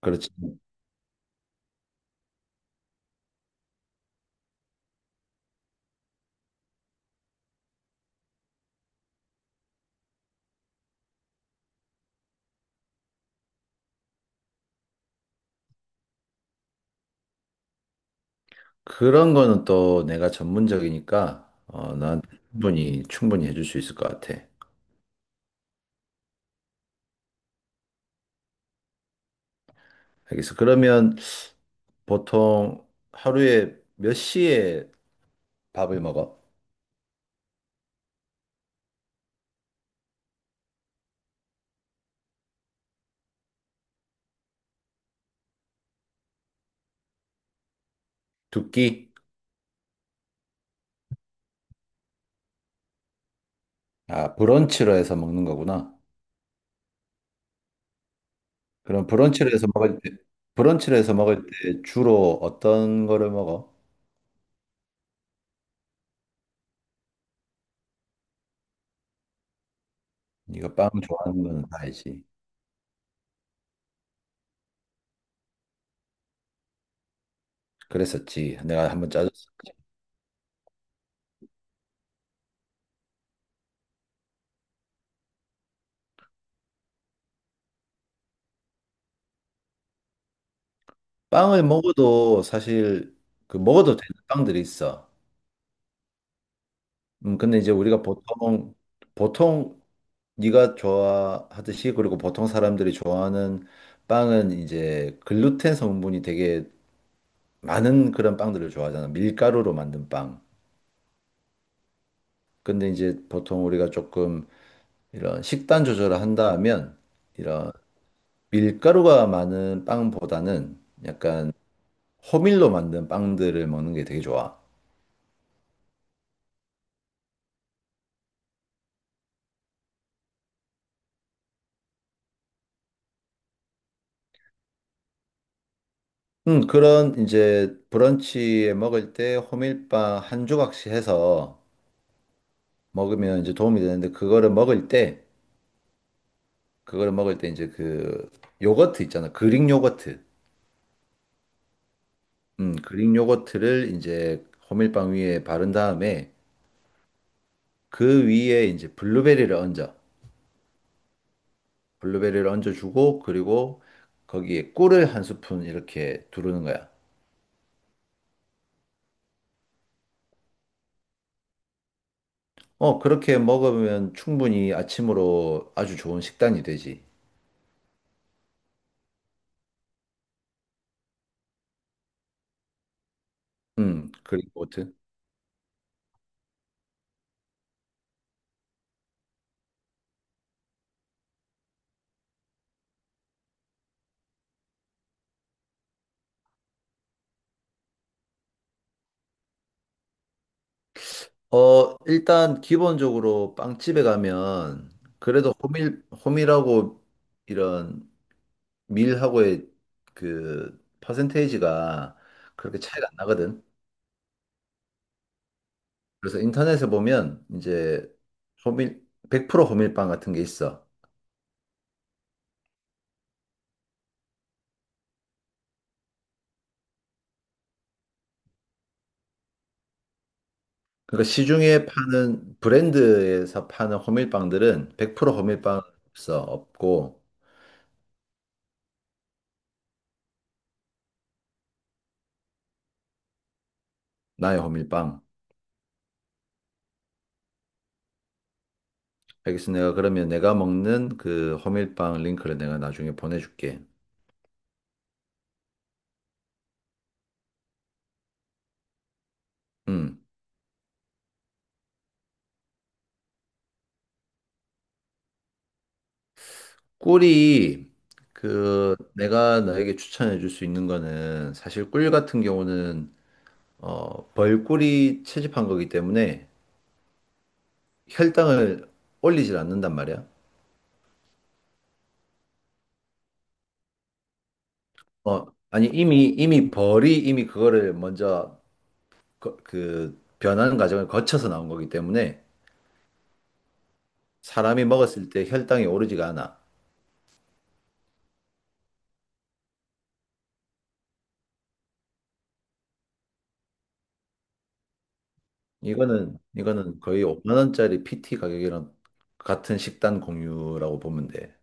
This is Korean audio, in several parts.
그렇지. 그런 거는 또 내가 전문적이니까 나한테 충분히 해줄 수 있을 것 같아. 알겠어. 그러면 보통 하루에 몇 시에 밥을 먹어? 두 끼? 아, 브런치로 해서 먹는 거구나. 그럼 브런치로 해서 먹을 때 주로 어떤 거를 먹어? 네가 빵 좋아하는 거는 다 알지. 그랬었지. 내가 한번 짜줬어. 빵을 먹어도 사실 그 먹어도 되는 빵들이 있어. 근데 이제 우리가 보통 네가 좋아하듯이, 그리고 보통 사람들이 좋아하는 빵은 이제 글루텐 성분이 되게 많은 그런 빵들을 좋아하잖아. 밀가루로 만든 빵. 근데 이제 보통 우리가 조금 이런 식단 조절을 한다 하면 이런 밀가루가 많은 빵보다는 약간 호밀로 만든 빵들을 먹는 게 되게 좋아. 그런 이제 브런치에 먹을 때 호밀빵 한 조각씩 해서 먹으면 이제 도움이 되는데, 그거를 먹을 때 이제 그 요거트 있잖아. 그릭 요거트. 그릭 요거트를 이제 호밀빵 위에 바른 다음에 그 위에 이제 블루베리를 얹어. 블루베리를 얹어주고, 그리고 거기에 꿀을 한 스푼 이렇게 두르는 거야. 어, 그렇게 먹으면 충분히 아침으로 아주 좋은 식단이 되지. 그릭 요거트. 어, 일단 기본적으로 빵집에 가면 그래도 호밀하고 이런 밀하고의 그 퍼센테이지가 그렇게 차이가 안 나거든. 그래서 인터넷에 보면 이제 호밀, 100% 호밀빵 같은 게 있어. 그러니까 시중에 파는 브랜드에서 파는 호밀빵들은 100% 호밀빵 없어. 없고. 나의 호밀빵. 알겠어. 내가 그러면 내가 먹는 그 호밀빵 링크를 내가 나중에 보내줄게. 음. 꿀이, 그 내가 너에게 추천해 줄 수 있는 거는 사실 꿀 같은 경우는 벌꿀이 채집한 거기 때문에 혈당을 올리질 않는단 말이야. 아니, 이미 벌이 이미 그거를 먼저 그 변하는 과정을 거쳐서 나온 거기 때문에 사람이 먹었을 때 혈당이 오르지가 않아. 이거는 거의 5만 원짜리 PT 가격이랑 같은 식단 공유라고 보면 돼.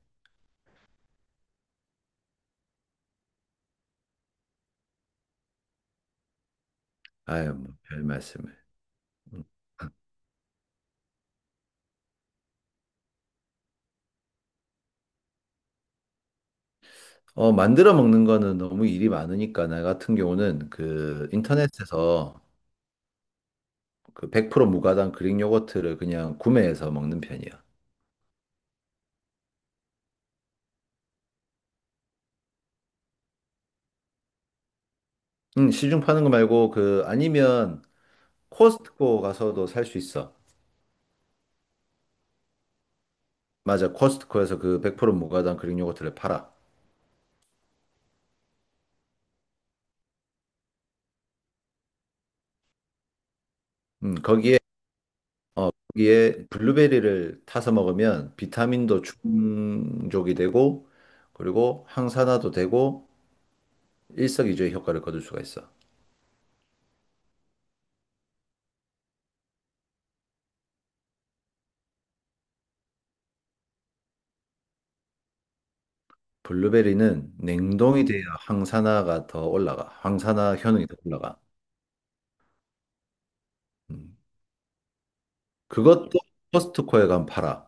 아유, 뭐별 말씀을. 어, 만들어 먹는 거는 너무 일이 많으니까 나 같은 경우는 그 인터넷에서 그 100% 무가당 그릭 요거트를 그냥 구매해서 먹는 편이야. 응, 시중 파는 거 말고, 그 아니면 코스트코 가서도 살 수 있어. 맞아, 코스트코에서 그 100% 무가당 그릭 요거트를 팔아. 거기에 거기에 블루베리를 타서 먹으면 비타민도 충족이 되고, 그리고 항산화도 되고 일석이조의 효과를 거둘 수가 있어. 블루베리는 냉동이 돼야 항산화가 더 올라가. 항산화 효능이 더 올라가. 음. 그것도 코스트코에 가면 팔아.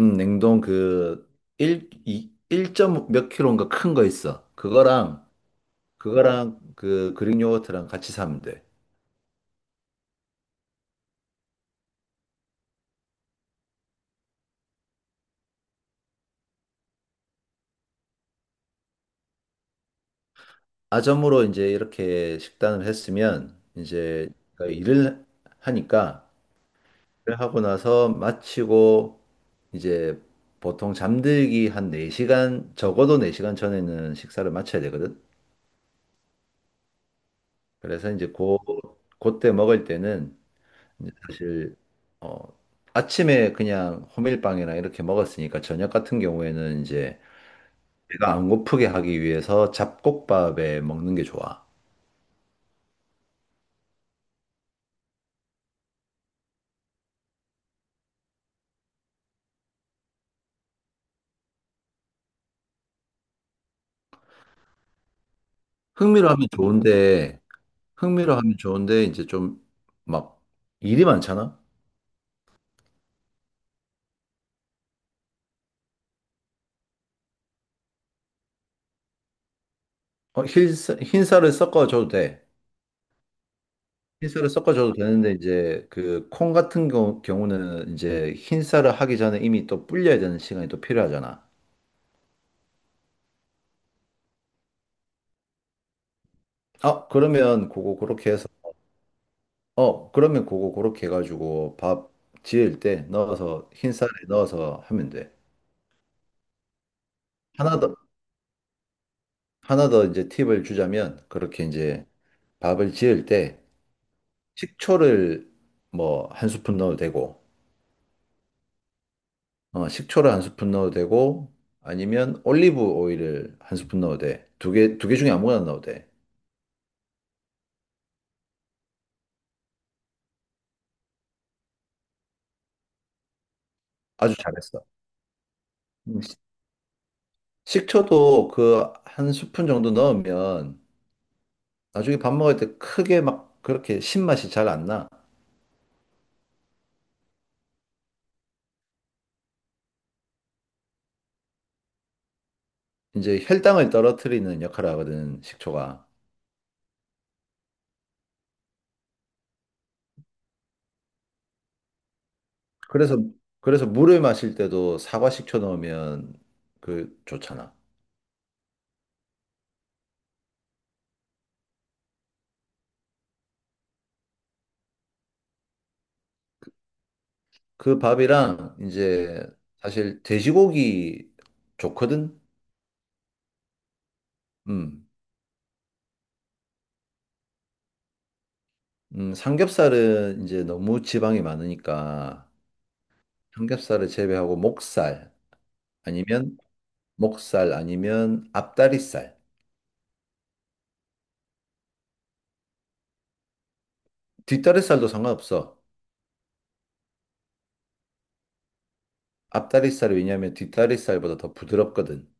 냉동 그 1, 2, 1.몇 킬로인가 큰 거 있어. 그거랑 그 그릭 요거트랑 같이 사면 돼. 아점으로 이제 이렇게 식단을 했으면, 이제 일을 하니까, 하고 나서 마치고 이제 보통 잠들기 한 4시간, 적어도 4시간 전에는 식사를 마쳐야 되거든. 그래서 이제 그때 먹을 때는 이제 사실, 어, 아침에 그냥 호밀빵이나 이렇게 먹었으니까 저녁 같은 경우에는 이제 배가 안 고프게 하기 위해서 잡곡밥에 먹는 게 좋아. 흥미로 하면 좋은데, 흥미로 하면 좋은데 이제 좀 막 일이 많잖아. 어, 흰쌀을 섞어줘도 돼. 흰쌀을 섞어줘도 되는데 이제 그 콩 같은 경우는 이제 흰쌀을 하기 전에 이미 또 불려야 되는 시간이 또 필요하잖아. 어, 그러면 그거 그렇게 해서. 어, 그러면 그거 그렇게 해가지고 밥 지을 때 넣어서 흰쌀에 넣어서 하면 돼. 하나 더 하나 더 이제 팁을 주자면, 그렇게 이제 밥을 지을 때 식초를 뭐 한 스푼 넣어도 되고. 어, 식초를 한 스푼 넣어도 되고, 아니면 올리브 오일을 한 스푼 넣어도 돼. 두 개 중에 아무거나 넣어도 돼. 아주 잘했어. 음, 시- 식초도 그 한 스푼 정도 넣으면 나중에 밥 먹을 때 크게 막 그렇게 신맛이 잘 안 나. 이제 혈당을 떨어뜨리는 역할을 하거든, 식초가. 그래서, 그래서 물을 마실 때도 사과 식초 넣으면 그 좋잖아. 그 밥이랑 이제 사실 돼지고기 좋거든? 음, 삼겹살은 이제 너무 지방이 많으니까 삼겹살을 제외하고 아니면 목살 아니면 앞다리살. 뒷다리살도 상관없어. 앞다리살이, 왜냐면 뒷다리살보다 더 부드럽거든.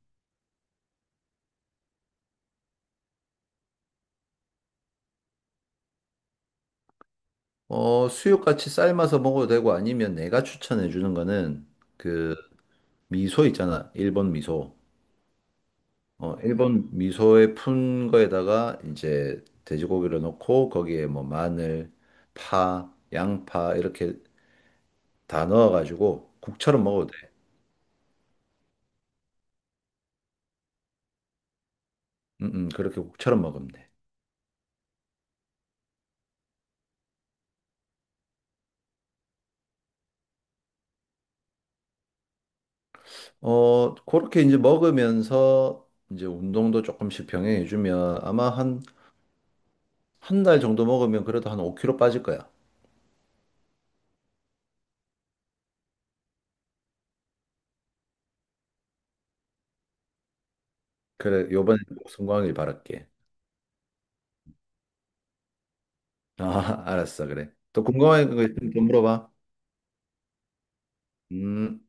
어, 수육같이 삶아서 먹어도 되고 아니면 내가 추천해 주는 거는 그 미소 있잖아. 일본 미소. 어, 일본 미소에 푼 거에다가 이제 돼지고기를 넣고, 거기에 뭐 마늘, 파, 양파 이렇게 다 넣어가지고 국처럼 먹어도 돼. 그렇게 국처럼 먹으면 돼. 어, 그렇게 이제 먹으면서 이제 운동도 조금씩 병행해주면 아마 한, 한 달 정도 먹으면 그래도 한 5kg 빠질 거야. 그래, 요번에 꼭 성공하길 바랄게. 아, 알았어, 그래. 또 궁금한 거 있으면 좀 물어봐. 음.